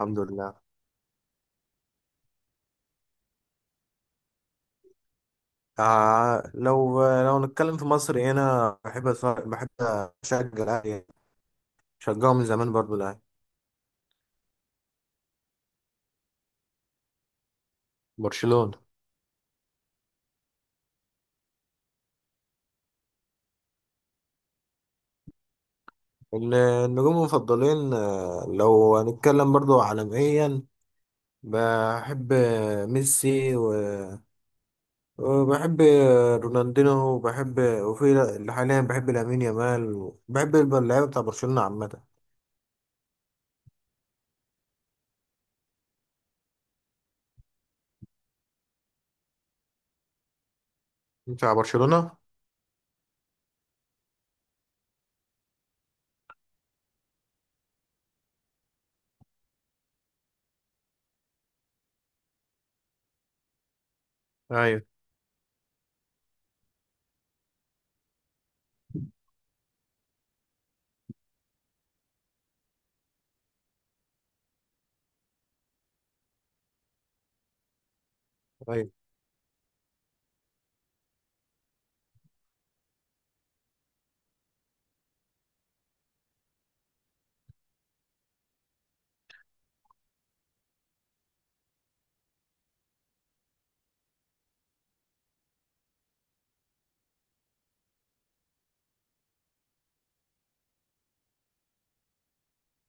الحمد لله. لو نتكلم في مصر هنا بحب بحب اشجع الاهلي. شجعه من زمان برضو الاهلي. برشلونة. النجوم المفضلين، لو هنتكلم برضو عالميا بحب ميسي وبحب رونالدينو، وبحب وفي لا- حاليا بحب لامين يامال، بحب اللعيبه بتاع برشلونه عامه. بتاع برشلونه. ايوه، ايوه.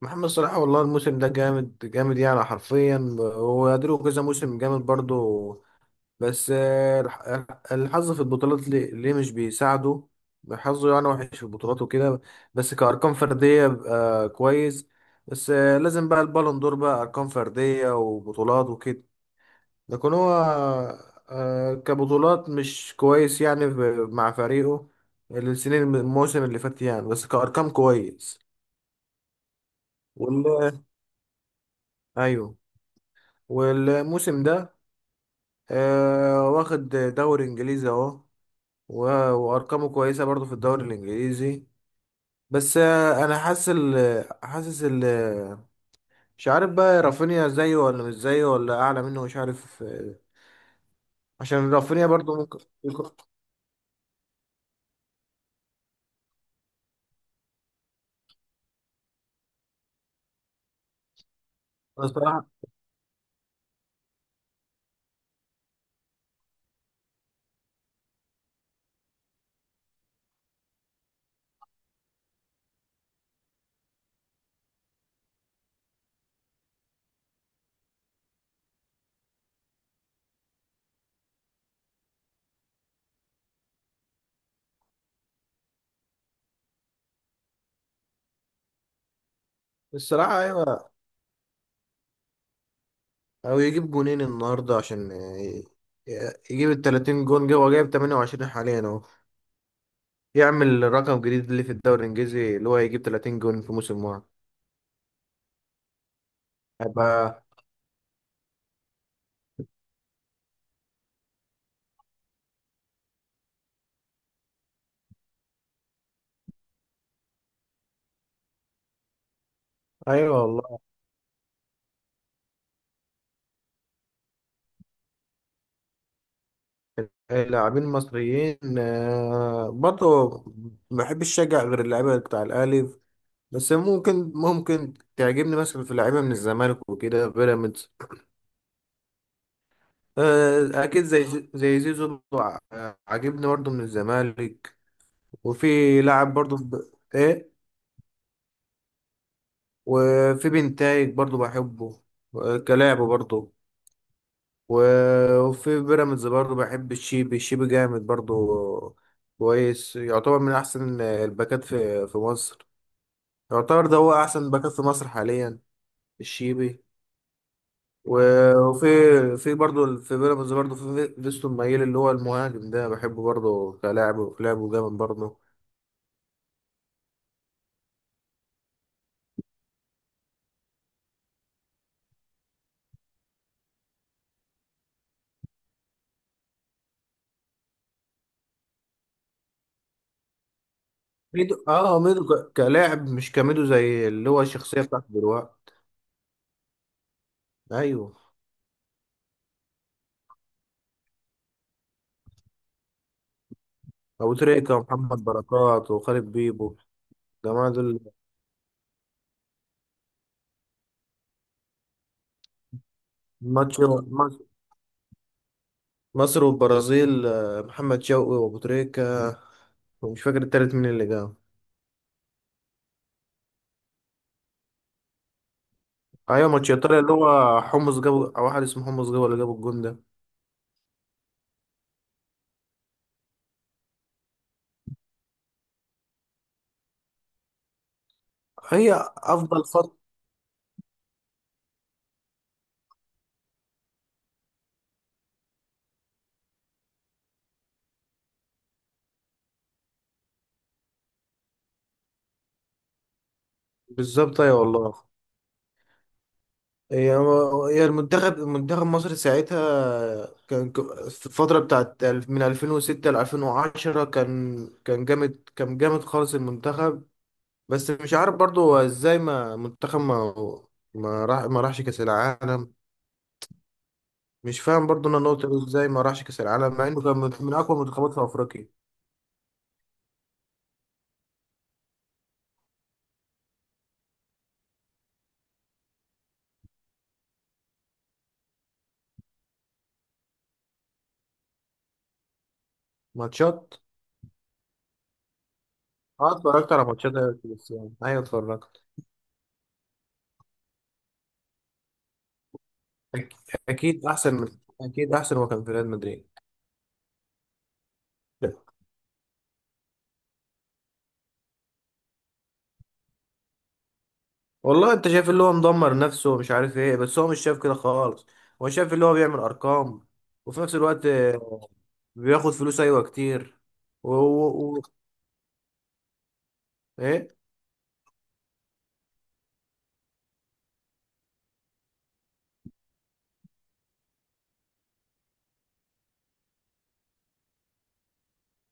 محمد صلاح والله الموسم ده جامد، جامد يعني، حرفيا هو له كذا موسم جامد برضه. بس الحظ في البطولات ليه مش بيساعده. حظه يعني وحش في البطولات وكده. بس كأرقام فردية بقى كويس. بس لازم بقى البالون دور بقى أرقام فردية وبطولات وكده. لكن هو كبطولات مش كويس يعني مع فريقه. السنين الموسم اللي فات يعني، بس كأرقام كويس. والله، ايوه. والموسم ده واخد دوري انجليزي اهو، وارقامه كويسه برضو في الدوري الانجليزي. بس انا حاسس ال حاسس ال مش عارف بقى رافينيا زيه ولا مش زيه ولا اعلى منه، مش عارف. عشان رافينيا برضو ممكن الصراحه. الصراحه، ايوه. او يجيب جونين النهارده عشان يجيب ال 30 جون. جه هو جايب 28 حاليا اهو. يعمل رقم جديد اللي في الدوري الانجليزي، اللي هو يجيب 30 جون في موسم واحد. هيبقى. ايوه، والله. اللاعبين المصريين برضه ما بحبش اشجع غير اللعيبه بتاع الاهلي. بس ممكن تعجبني مثلا في لعيبه من الزمالك وكده، بيراميدز. اكيد زي زيزو عاجبني برضه من الزمالك. وفي لاعب برضه في ايه. وفي بنتايج برضه بحبه، كلاعب برضه. وفي بيراميدز برضه بحب الشيبي. الشيبي جامد برضه، كويس، يعتبر من احسن الباكات في مصر. يعتبر ده هو احسن باكات في مصر حاليا، الشيبي. و- وفي في برضه في بيراميدز برضه في فيستون مايل اللي هو المهاجم ده، بحبه برضه كلاعب، كلاعب جامد برضه. ميدو، كلاعب، مش كميدو زي اللي هو الشخصيه بتاعته دلوقتي. ايوه. ابو تريكه ومحمد بركات وخالد بيبو، جماعه دول. ماتش مصر مصر والبرازيل، محمد شوقي وابو تريكه، ومش فاكر التالت مين اللي جاب. ايوه ماتش ايطاليا اللي هو حمص جابه، او واحد اسمه حمص جابه اللي جابه الجون ده. هي افضل فتره. بالظبط، ايوه والله. هي هي منتخب مصر ساعتها كان، في الفتره بتاعت من 2006 ل 2010، كان جامد، كان جامد خالص المنتخب. بس مش عارف برضو هو ازاي ما منتخب ما ما راح ما راحش كاس العالم. مش فاهم برضو انا النقطه دي، ازاي ما راحش كاس العالم مع انه كان من اقوى المنتخبات في افريقيا. ماتشات. اه اتفرجت على ماتشات، أيوة، بس يعني ايوه اتفرجت. أك- اكيد احسن من اكيد احسن، هو كان في ريال مدريد. والله انت شايف اللي هو مدمر نفسه ومش عارف ايه، بس هو مش شايف كده خالص. هو شايف اللي هو بيعمل ارقام، وفي نفس الوقت بياخد فلوس، ايوه، كتير. و... و... و... ايه.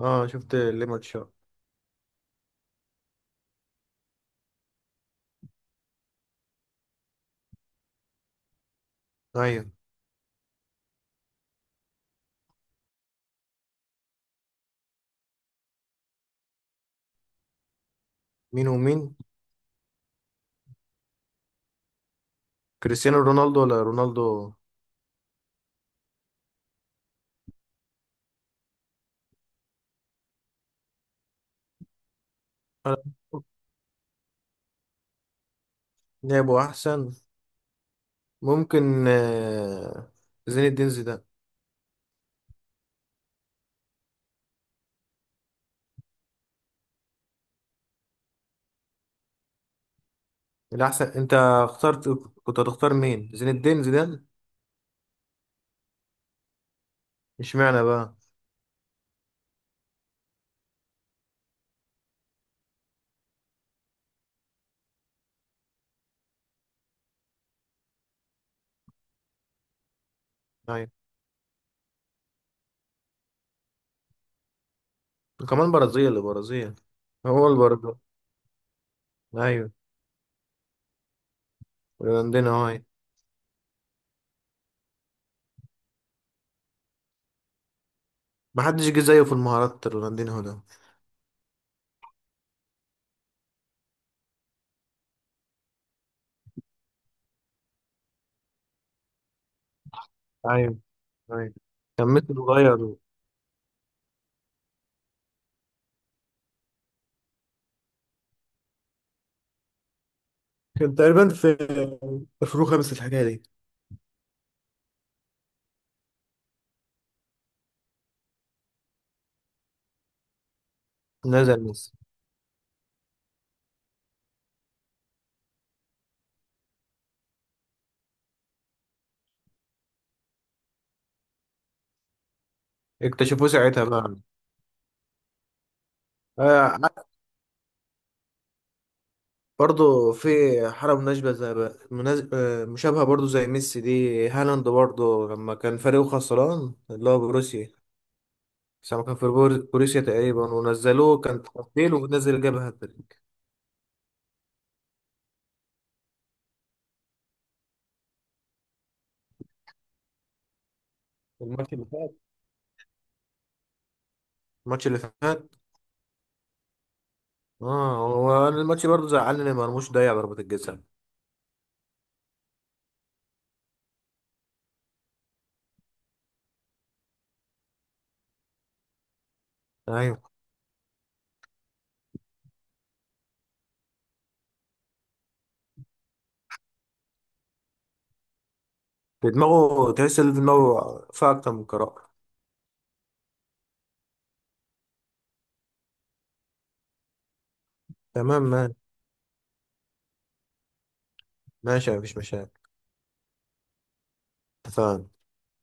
اه، شفت ليمون شو. ايوه. مين ومين؟ كريستيانو رونالدو ولا رونالدو؟ لعبه احسن. ممكن زين الدين زيدان. الاحسن، انت اخترت، كنت هتختار مين، زين الدين زيدان. اشمعنى بقى؟ ايوه، وكمان البرازيل. هو البرازيل. ايوه، رونالدينو هاي. ما حدش جه زيه في المهارات، رونالدينو ده. ايوه، ايوه. كان ميسي صغير. كان تقريبا في 2005 الحكايه دي. نزل ميسي. اكتشفوه ساعتها بقى. آه، برضه في حالة مناسبة زي بقى، مناز... آه مشابهة برضه زي ميسي دي. هالاند برضه لما كان فريقه خسران، اللي هو بروسيا. بس لما كان في بروسيا تقريبا، ونزلوه كان تبديل ونزل جاب هاتريك. الماتش اللي فات. الماتش اللي فات. اه، هو أنا الماتش برضه زعلني، ما مرموش ضيع ضربة الجزاء. ايوه. في دماغه تحس ان في دماغه فيها اكتر من قرار. تمام، ماشي، مفيش مشاكل. اتفقنا.